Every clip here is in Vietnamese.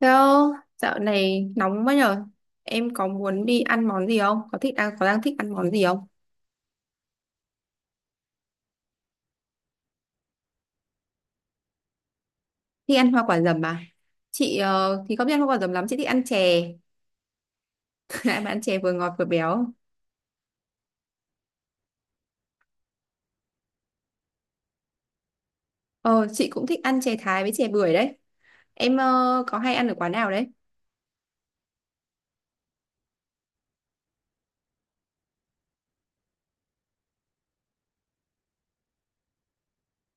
Theo, dạo này nóng quá nhở. Em có muốn đi ăn món gì không? Có thích đang có đang thích ăn món gì không? Thích ăn hoa quả dầm à? Chị thì không thích ăn hoa quả dầm lắm, chị thích ăn chè. Lại ăn chè vừa ngọt vừa béo. Ờ, chị cũng thích ăn chè Thái với chè bưởi đấy. Em có hay ăn ở quán nào đấy?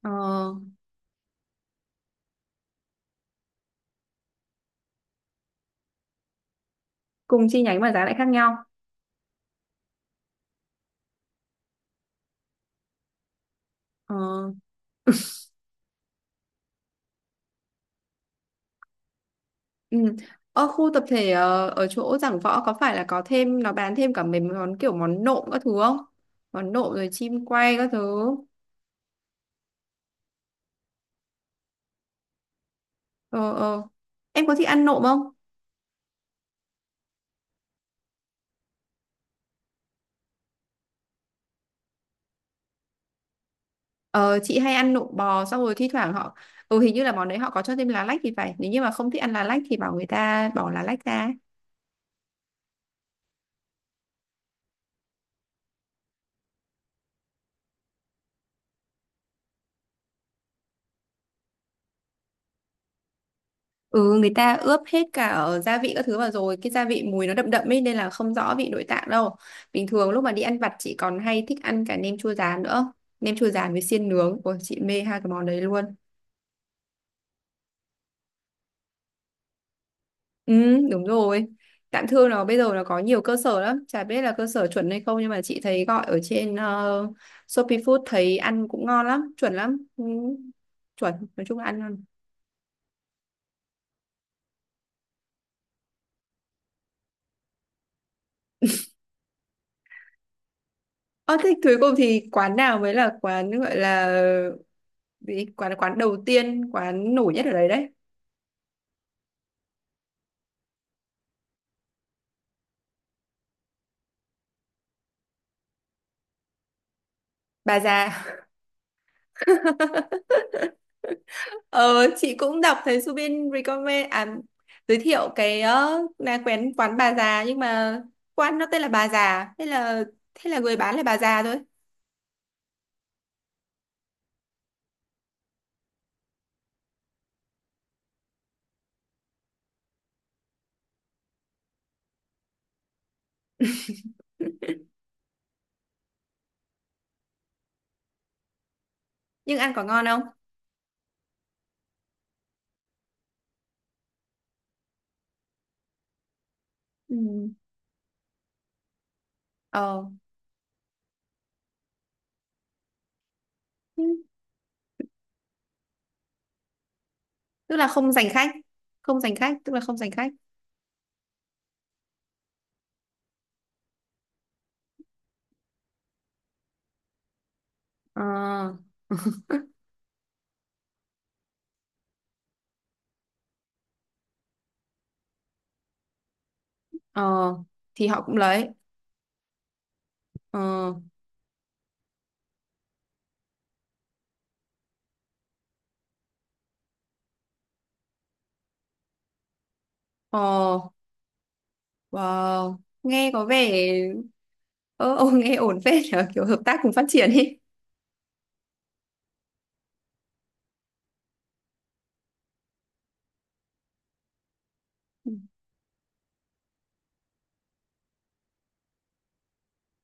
Ờ, cùng chi nhánh mà giá lại khác nhau. Ờ, ừ. Ở khu tập thể ở chỗ Giảng Võ có phải là có thêm nó bán thêm cả mấy món kiểu món nộm các thứ không? Món nộm rồi chim quay các thứ. Ờ, ờ. Em có thích ăn nộm không? Ờ, chị hay ăn nộm bò xong rồi thi thoảng họ hình như là món đấy họ có cho thêm lá lách thì phải, nếu như mà không thích ăn lá lách thì bảo người ta bỏ lá lách ra. Ừ, người ta ướp hết cả ở gia vị các thứ vào rồi cái gia vị mùi nó đậm đậm ấy nên là không rõ vị nội tạng đâu. Bình thường lúc mà đi ăn vặt chị còn hay thích ăn cả nem chua rán nữa. Nem chua rán với xiên nướng, ôi chị mê hai cái món đấy luôn. Ừ, đúng rồi. Tạm thương nó bây giờ nó có nhiều cơ sở lắm, chả biết là cơ sở chuẩn hay không nhưng mà chị thấy gọi ở trên Shopee Food thấy ăn cũng ngon lắm, chuẩn lắm. Ừ, chuẩn, nói chung là ăn ngon. Ờ, thế cuối cùng thì quán nào mới là quán gọi là gì? Quán quán đầu tiên, quán nổi nhất ở đấy đấy. Bà già. Ờ, chị cũng đọc thấy Subin recommend à, giới thiệu cái là quán quán bà già nhưng mà quán nó tên là bà già, thế là người bán là bà già thôi. Nhưng ăn có ngon không? Ừ. Ờ. Ừ. Tức là không giành khách. Không giành khách, tức là không giành khách. Ờ. Ờ. Thì họ cũng lấy. Ờ. ờ wow, nghe có vẻ ờ nghe ổn phết nhở, kiểu hợp tác cùng phát triển đi.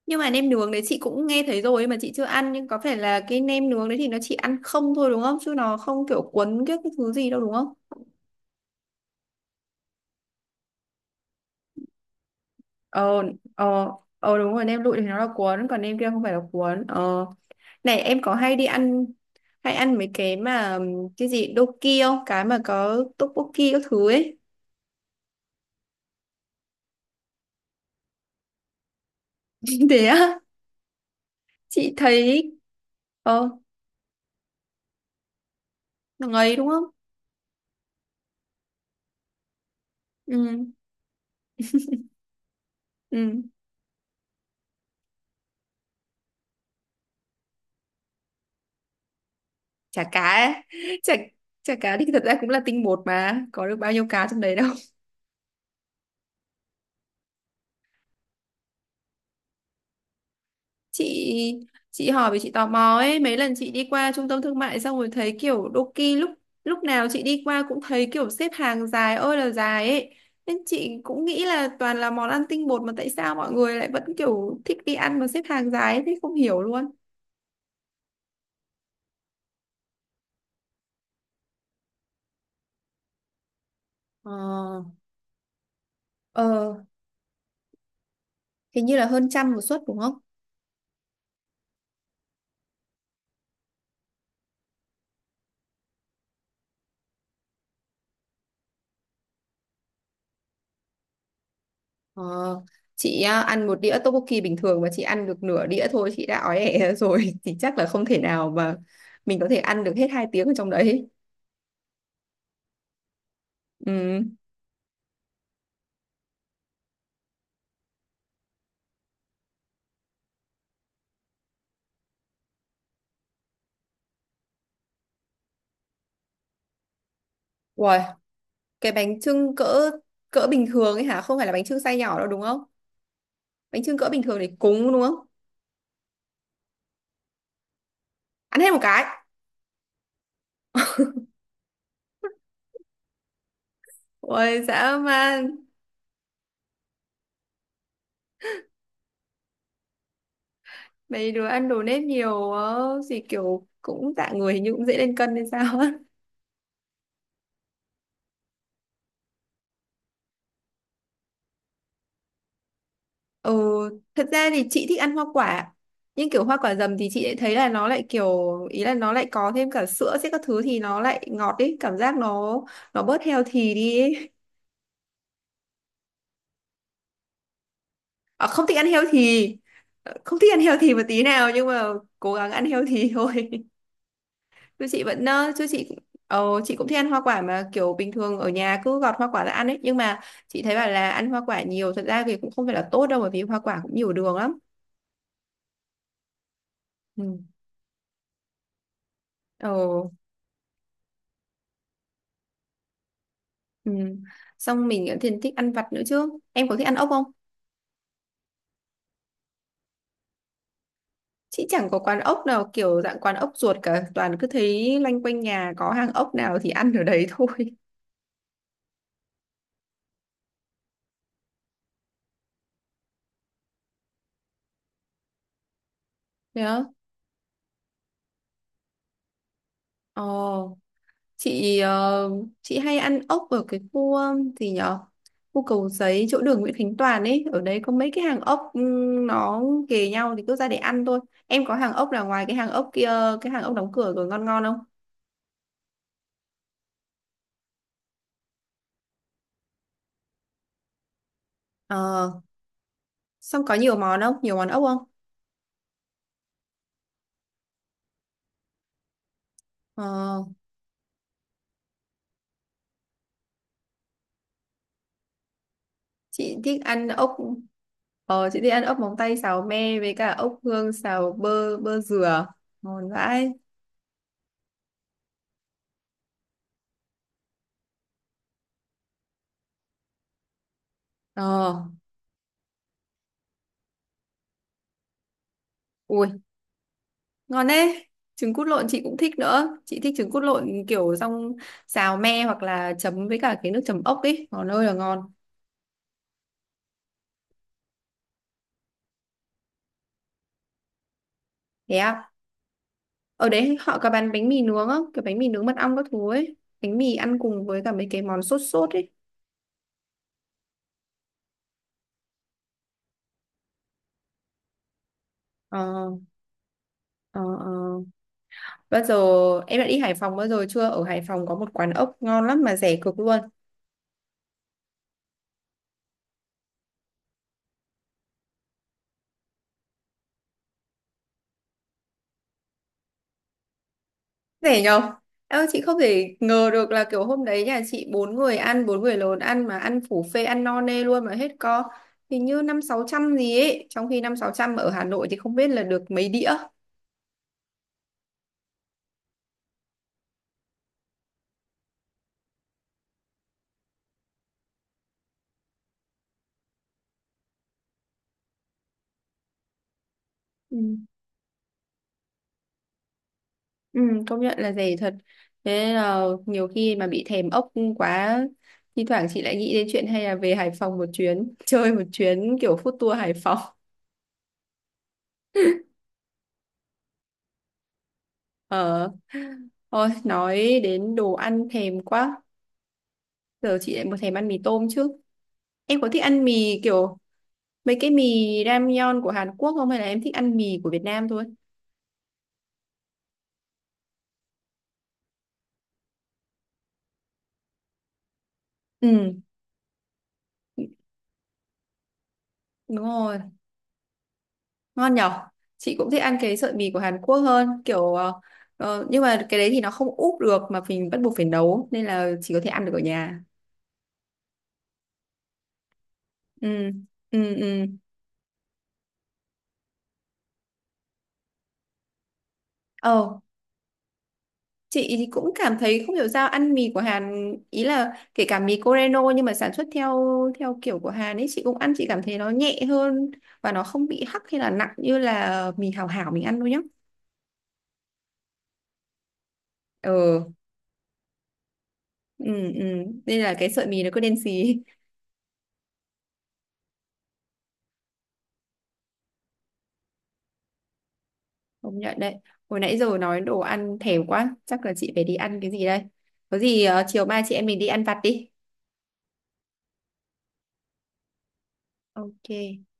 Nhưng mà nem nướng đấy chị cũng nghe thấy rồi mà chị chưa ăn, nhưng có phải là cái nem nướng đấy thì nó chỉ ăn không thôi đúng không, chứ nó không kiểu cuốn cái thứ gì đâu đúng không? Ờ, ờ, ờ, đúng rồi, nem lụi thì nó là cuốn còn nem kia không phải là cuốn. Ờ này em có hay đi ăn hay ăn mấy cái mà cái gì doki không, cái mà có tteokbokki các thứ ấy? Thế á? Chị thấy. Ờ. Nó ngấy đúng không? Ừ, ừ. Chả cá ấy. chả chả cá thì thật ra cũng là tinh bột mà có được bao nhiêu cá trong đấy đâu. Chị chị hỏi vì chị tò mò ấy, mấy lần chị đi qua trung tâm thương mại xong rồi thấy kiểu Doki lúc lúc nào chị đi qua cũng thấy kiểu xếp hàng dài ơi là dài ấy, nên chị cũng nghĩ là toàn là món ăn tinh bột mà tại sao mọi người lại vẫn kiểu thích đi ăn mà xếp hàng dài ấy, thế không hiểu luôn. Ờ. ờ hình như là hơn trăm một suất đúng không? Ờ, chị à, ăn một đĩa tteokbokki bình thường mà chị ăn được nửa đĩa thôi, chị đã ói ẻ rồi thì chắc là không thể nào mà mình có thể ăn được hết hai tiếng ở trong đấy. Ừ. Uầy, cái bánh chưng cỡ cỡ bình thường ấy hả, không phải là bánh chưng size nhỏ đâu đúng không? Bánh chưng cỡ bình thường để cúng đúng không? Ăn hết một cái. Ôi dã man. Mấy đứa ăn đồ nếp nhiều quá, gì kiểu cũng dạng người hình như cũng dễ lên cân hay sao á. Ừ. Thật ra thì chị thích ăn hoa quả, nhưng kiểu hoa quả dầm thì chị lại thấy là nó lại kiểu ý là nó lại có thêm cả sữa sẽ các thứ thì nó lại ngọt ấy, cảm giác nó bớt healthy đi ấy. À, không thích ăn healthy. Ờ, không thích ăn healthy một tí nào nhưng mà cố gắng ăn healthy thôi. Chú chị cũng- Ờ, chị cũng thích ăn hoa quả mà kiểu bình thường ở nhà cứ gọt hoa quả ra ăn ấy, nhưng mà chị thấy bảo là ăn hoa quả nhiều thật ra thì cũng không phải là tốt đâu bởi vì hoa quả cũng nhiều đường lắm. Ừ. Ờ. Ừ. Xong mình cũng thì thích ăn vặt nữa chứ, em có thích ăn ốc không? Chị chẳng có quán ốc nào kiểu dạng quán ốc ruột cả, toàn cứ thấy loanh quanh nhà có hàng ốc nào thì ăn ở đấy thôi. Đó. Ờ chị ờ, chị hay ăn ốc ở cái khu gì nhở, khu Cầu Giấy chỗ đường Nguyễn Khánh Toàn ấy, ở đấy có mấy cái hàng ốc nó kề nhau thì cứ ra để ăn thôi. Em có hàng ốc là ngoài cái hàng ốc kia, cái hàng ốc đóng cửa rồi, ngon ngon không? Ờ. Xong có nhiều món không, nhiều món ốc không? Ờ, chị thích ăn ốc. Ờ, chị thích ăn ốc móng tay xào me với cả ốc hương xào bơ bơ dừa ngon vãi. Ờ. Ui, ngon đấy. Trứng cút lộn chị cũng thích nữa, chị thích trứng cút lộn kiểu xong xào me hoặc là chấm với cả cái nước chấm ốc ấy ngon ơi là ngon. Thế à? Ở đấy họ có bán bánh mì nướng không, cái bánh mì nướng mật ong các thứ ấy, bánh mì ăn cùng với cả mấy cái món sốt sốt ấy? Ờ, ờ, ờ. Bao giờ em đã đi Hải Phòng bao giờ chưa, ở Hải Phòng có một quán ốc ngon lắm mà rẻ cực luôn. Rẻ nhờ. Em ơi, chị không thể ngờ được là kiểu hôm đấy nhà chị bốn người ăn, bốn người lớn ăn mà ăn phủ phê ăn no nê luôn mà hết co, hình như năm sáu trăm gì ấy, trong khi năm sáu trăm ở Hà Nội thì không biết là được mấy đĩa. Ừ. Ừ, công nhận là rẻ thật, thế nên là nhiều khi mà bị thèm ốc quá, thi thoảng chị lại nghĩ đến chuyện hay là về Hải Phòng một chuyến chơi một chuyến kiểu food tour Hải Phòng. Ờ. Thôi nói đến đồ ăn thèm quá, giờ chị lại muốn thèm ăn mì tôm chứ. Em có thích ăn mì kiểu mấy cái mì ramyeon của Hàn Quốc không, hay là em thích ăn mì của Việt Nam thôi? Ừ. Đúng rồi. Ngon nhở. Chị cũng thích ăn cái sợi mì của Hàn Quốc hơn kiểu. Ờ, ờ, nhưng mà cái đấy thì nó không úp được mà mình bắt buộc phải nấu nên là chỉ có thể ăn được ở nhà. Ừ, ừ, ừ. Ờ, chị thì cũng cảm thấy không hiểu sao ăn mì của Hàn ý là kể cả mì Coreno nhưng mà sản xuất theo theo kiểu của Hàn ấy, chị cũng ăn chị cảm thấy nó nhẹ hơn và nó không bị hắc hay là nặng như là mì Hảo Hảo mình ăn đâu nhá. Ờ. Ừ, ừ. Nên là cái sợi mì nó cứ đen xì. Công nhận đấy. Hồi nãy giờ nói đồ ăn thèm quá chắc là chị phải đi ăn cái gì đây, có gì chiều mai chị em mình đi ăn vặt đi. Ok.